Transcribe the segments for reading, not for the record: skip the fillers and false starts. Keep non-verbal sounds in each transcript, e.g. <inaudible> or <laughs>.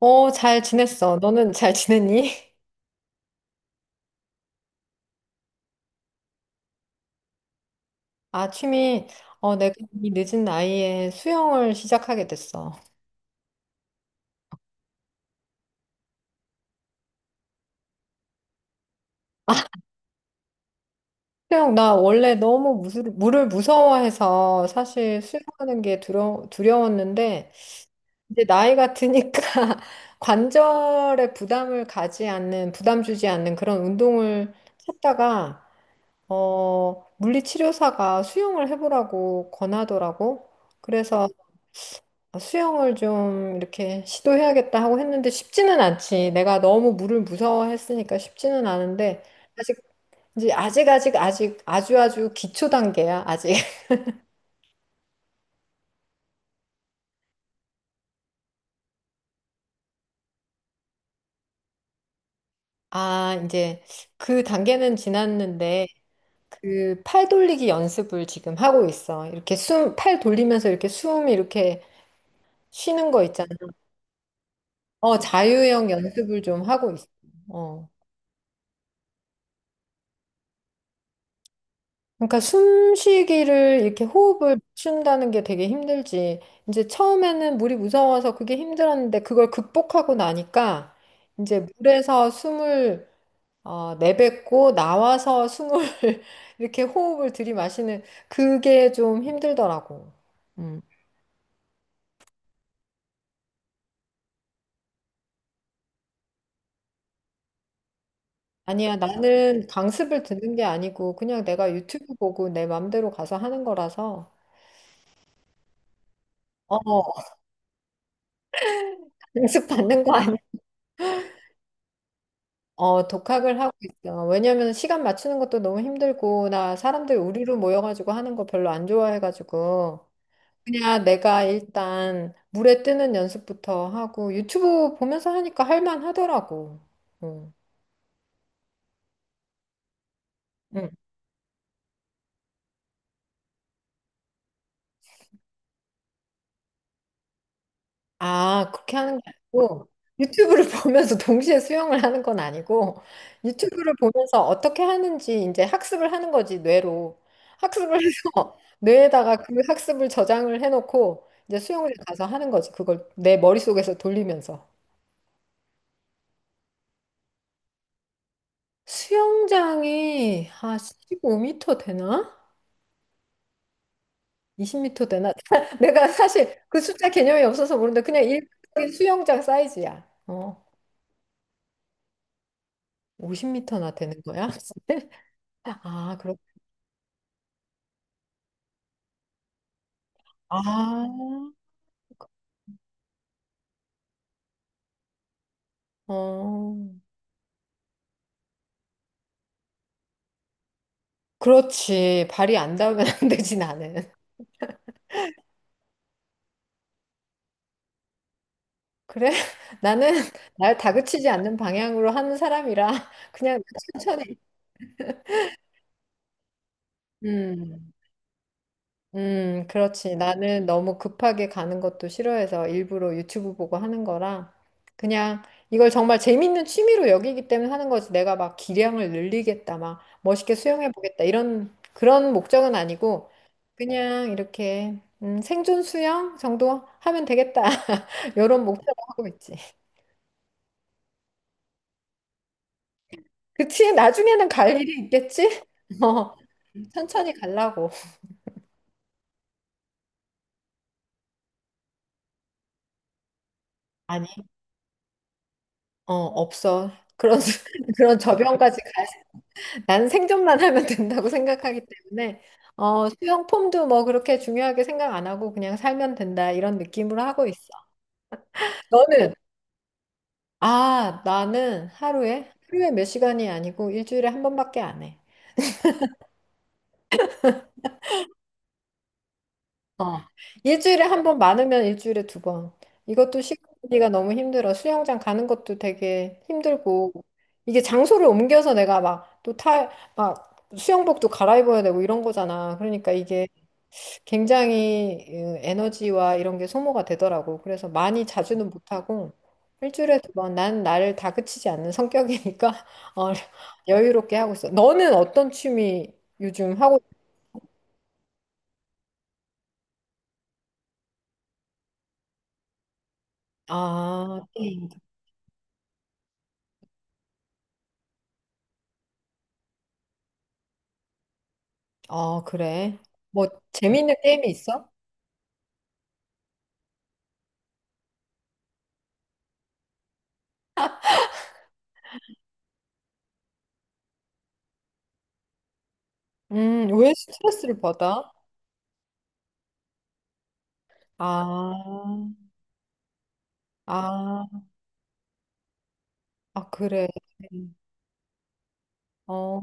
어, 잘 지냈어. 너는 잘 지냈니? <laughs> 아, 취미. 어, 내가 이 늦은 나이에 수영을 시작하게 됐어. 수영, 나 원래 물을 무서워해서 사실 수영하는 게 두려웠는데, 이제 나이가 드니까 <laughs> 관절에 부담을 가지 않는, 부담 주지 않는 그런 운동을 찾다가, 어, 물리치료사가 수영을 해보라고 권하더라고. 그래서 아, 수영을 좀 이렇게 시도해야겠다 하고 했는데 쉽지는 않지. 내가 너무 물을 무서워했으니까 쉽지는 않은데 아직 이제 아직 아주 아주 기초 단계야. 아직. <laughs> 아, 이제 그 단계는 지났는데 그 팔 돌리기 연습을 지금 하고 있어. 이렇게 숨, 팔 돌리면서 이렇게 숨 이렇게 쉬는 거 있잖아. 어, 자유형 연습을 좀 하고 있어. 어. 그러니까 숨쉬기를 이렇게 호흡을 맞춘다는 게 되게 힘들지. 이제 처음에는 물이 무서워서 그게 힘들었는데 그걸 극복하고 나니까 이제 물에서 숨을 어, 내뱉고 나와서 숨을 <laughs> 이렇게 호흡을 들이마시는 그게 좀 힘들더라고. 음. 아니야, 나는 강습을 듣는 게 아니고 그냥 내가 유튜브 보고 내 맘대로 가서 하는 거라서 어, 강습 받는 거 아니야. 어, 독학을 하고 있어. 왜냐면 시간 맞추는 것도 너무 힘들고, 나 사람들 우리로 모여가지고 하는 거 별로 안 좋아해가지고, 그냥 내가 일단 물에 뜨는 연습부터 하고, 유튜브 보면서 하니까 할만하더라고. 응. 아, 그렇게 하는 게 아니고, 유튜브를 <laughs> 보면서 동시에 수영을 하는 건 아니고, 유튜브를 보면서 어떻게 하는지 이제 학습을 하는 거지, 뇌로. 학습을 해서 <laughs> 뇌에다가 그 학습을 저장을 해놓고, 이제 수영장 가서 하는 거지. 그걸 내 머릿속에서 돌리면서. 수영장이 한 1 5터 되나? 2 0터 되나? <laughs> 내가 사실 그 숫자 개념이 없어서 모르는데, 그냥 일반 수영장 사이즈야. 어, 5 0터나 되는 거야? <laughs> 아, 그렇구나. 아, 어. 그렇지. 발이 안 닿으면 <laughs> 안 되지, 나는. 그래? <laughs> 나는 날 다그치지 않는 방향으로 하는 사람이라 그냥 천천히. 음. 그렇지. 나는 너무 급하게 가는 것도 싫어해서 일부러 유튜브 보고 하는 거라 그냥 이걸 정말 재밌는 취미로 여기기 때문에 하는 거지. 내가 막 기량을 늘리겠다, 막 멋있게 수영해 보겠다 이런 그런 목적은 아니고 그냥 이렇게 생존 수영 정도 하면 되겠다. <laughs> 이런 목표로 하고 있지. 그치? 나중에는 갈 일이 있겠지? <laughs> 어, 천천히 가려고. 아니, 어, 없어. 그런, <laughs> 그런 저변까지 난 생존만 하면 된다고 생각하기 때문에 어, 수영 폼도 뭐 그렇게 중요하게 생각 안 하고 그냥 살면 된다 이런 느낌으로 하고 있어. 너는? 아, 나는 하루에 몇 시간이 아니고 일주일에 한 번밖에 안 해. 어. 일주일에 한 번 많으면 일주일에 두 번. 이것도 시간 관리가 너무 힘들어. 수영장 가는 것도 되게 힘들고. 이게 장소를 옮겨서 내가 막 수영복도 갈아입어야 되고 이런 거잖아. 그러니까 이게 굉장히 어, 에너지와 이런 게 소모가 되더라고. 그래서 많이 자주는 못하고 일주일에 두 번. 난 나를 다그치지 않는 성격이니까 <laughs> 어, 여유롭게 하고 있어. 너는 어떤 취미 요즘 하고, 아. 아, 그래. 뭐, 재밌는 게임이 있어? 왜 스트레스를 받아? 아, 아, 아, 그래. 어,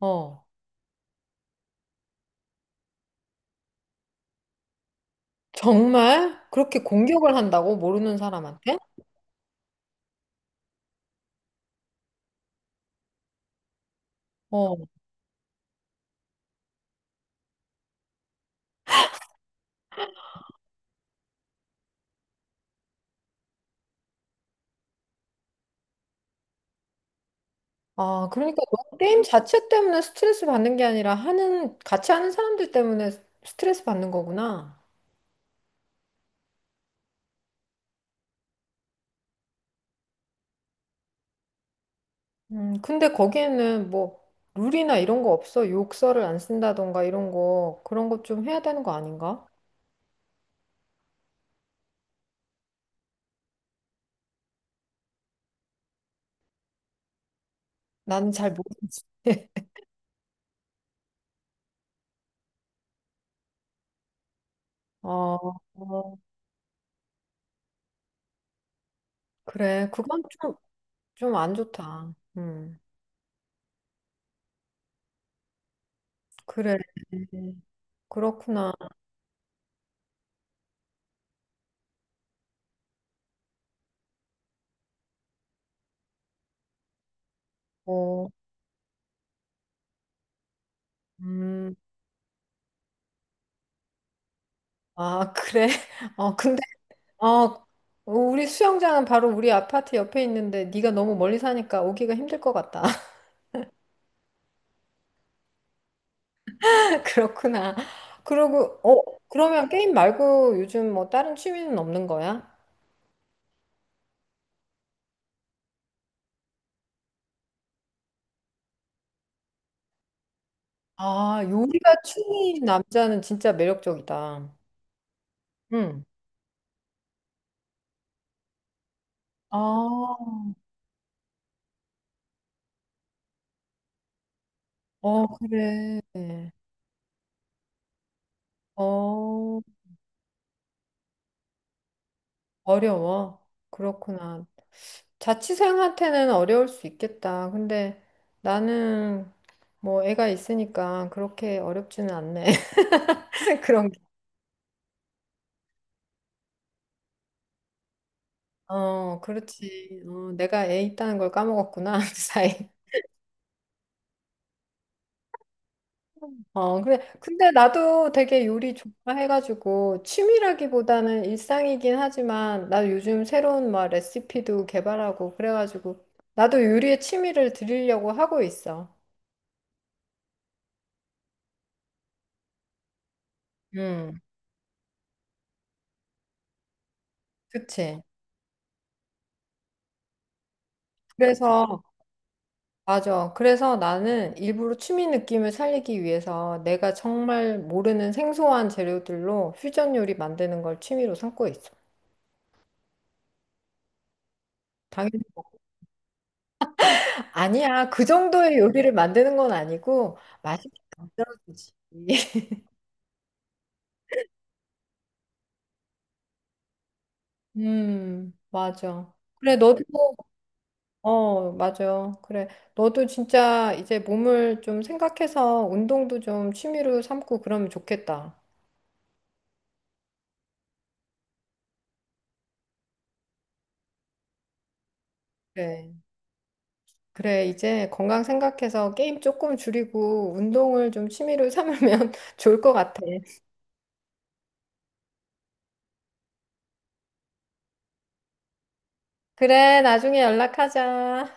어. 정말? 그렇게 공격을 한다고? 모르는 사람한테? 어. 아, 그러니까 너 게임 자체 때문에 스트레스 받는 게 아니라 하는, 같이 하는 사람들 때문에 스트레스 받는 거구나. 근데 거기에는 뭐, 룰이나 이런 거 없어? 욕설을 안 쓴다던가 이런 거, 그런 거 좀 해야 되는 거 아닌가? 나는 잘 모르겠어. 어, 어, 그래. 그건 좀, 좀 안 좋다. 그래. 그렇구나. 어, 음, 아, 그래. <laughs> 어, 근데, 어, 우리 수영장은 바로 우리 아파트 옆에 있는데 네가 너무 멀리 사니까 오기가 힘들 것 같다. <laughs> 그렇구나. 그러고, 어, 그러면 게임 말고 요즘 뭐 다른 취미는 없는 거야? 아, 요리가 취미인 남자는 진짜 매력적이다. 응. 아, 어, 그래. 어, 어려워. 그렇구나. 자취생한테는 어려울 수 있겠다. 근데 나는 뭐 애가 있으니까 그렇게 어렵지는 않네. <laughs> 그런 게. 어, 그렇지. 어, 내가 애 있다는 걸 까먹었구나, <laughs> 그 사이. 어, 그래. 근데 나도 되게 요리 좋아해가지고 취미라기보다는 일상이긴 하지만 나 요즘 새로운 막 레시피도 개발하고 그래가지고 나도 요리에 취미를 들이려고 하고 있어. 음. 그치. 그래서, 맞아. 그래서 나는 일부러 취미 느낌을 살리기 위해서 내가 정말 모르는 생소한 재료들로 퓨전 요리 만드는 걸 취미로 삼고 있어. 당연히. 아니야. 그 정도의 요리를 만드는 건 아니고, 맛있게 만들어주지. <laughs> 맞아. 그래, 너도, 어, 맞아. 그래. 너도 진짜 이제 몸을 좀 생각해서 운동도 좀 취미로 삼고 그러면 좋겠다. 그래. 그래, 이제 건강 생각해서 게임 조금 줄이고 운동을 좀 취미로 삼으면 <laughs> 좋을 것 같아. 그래, 나중에 연락하자.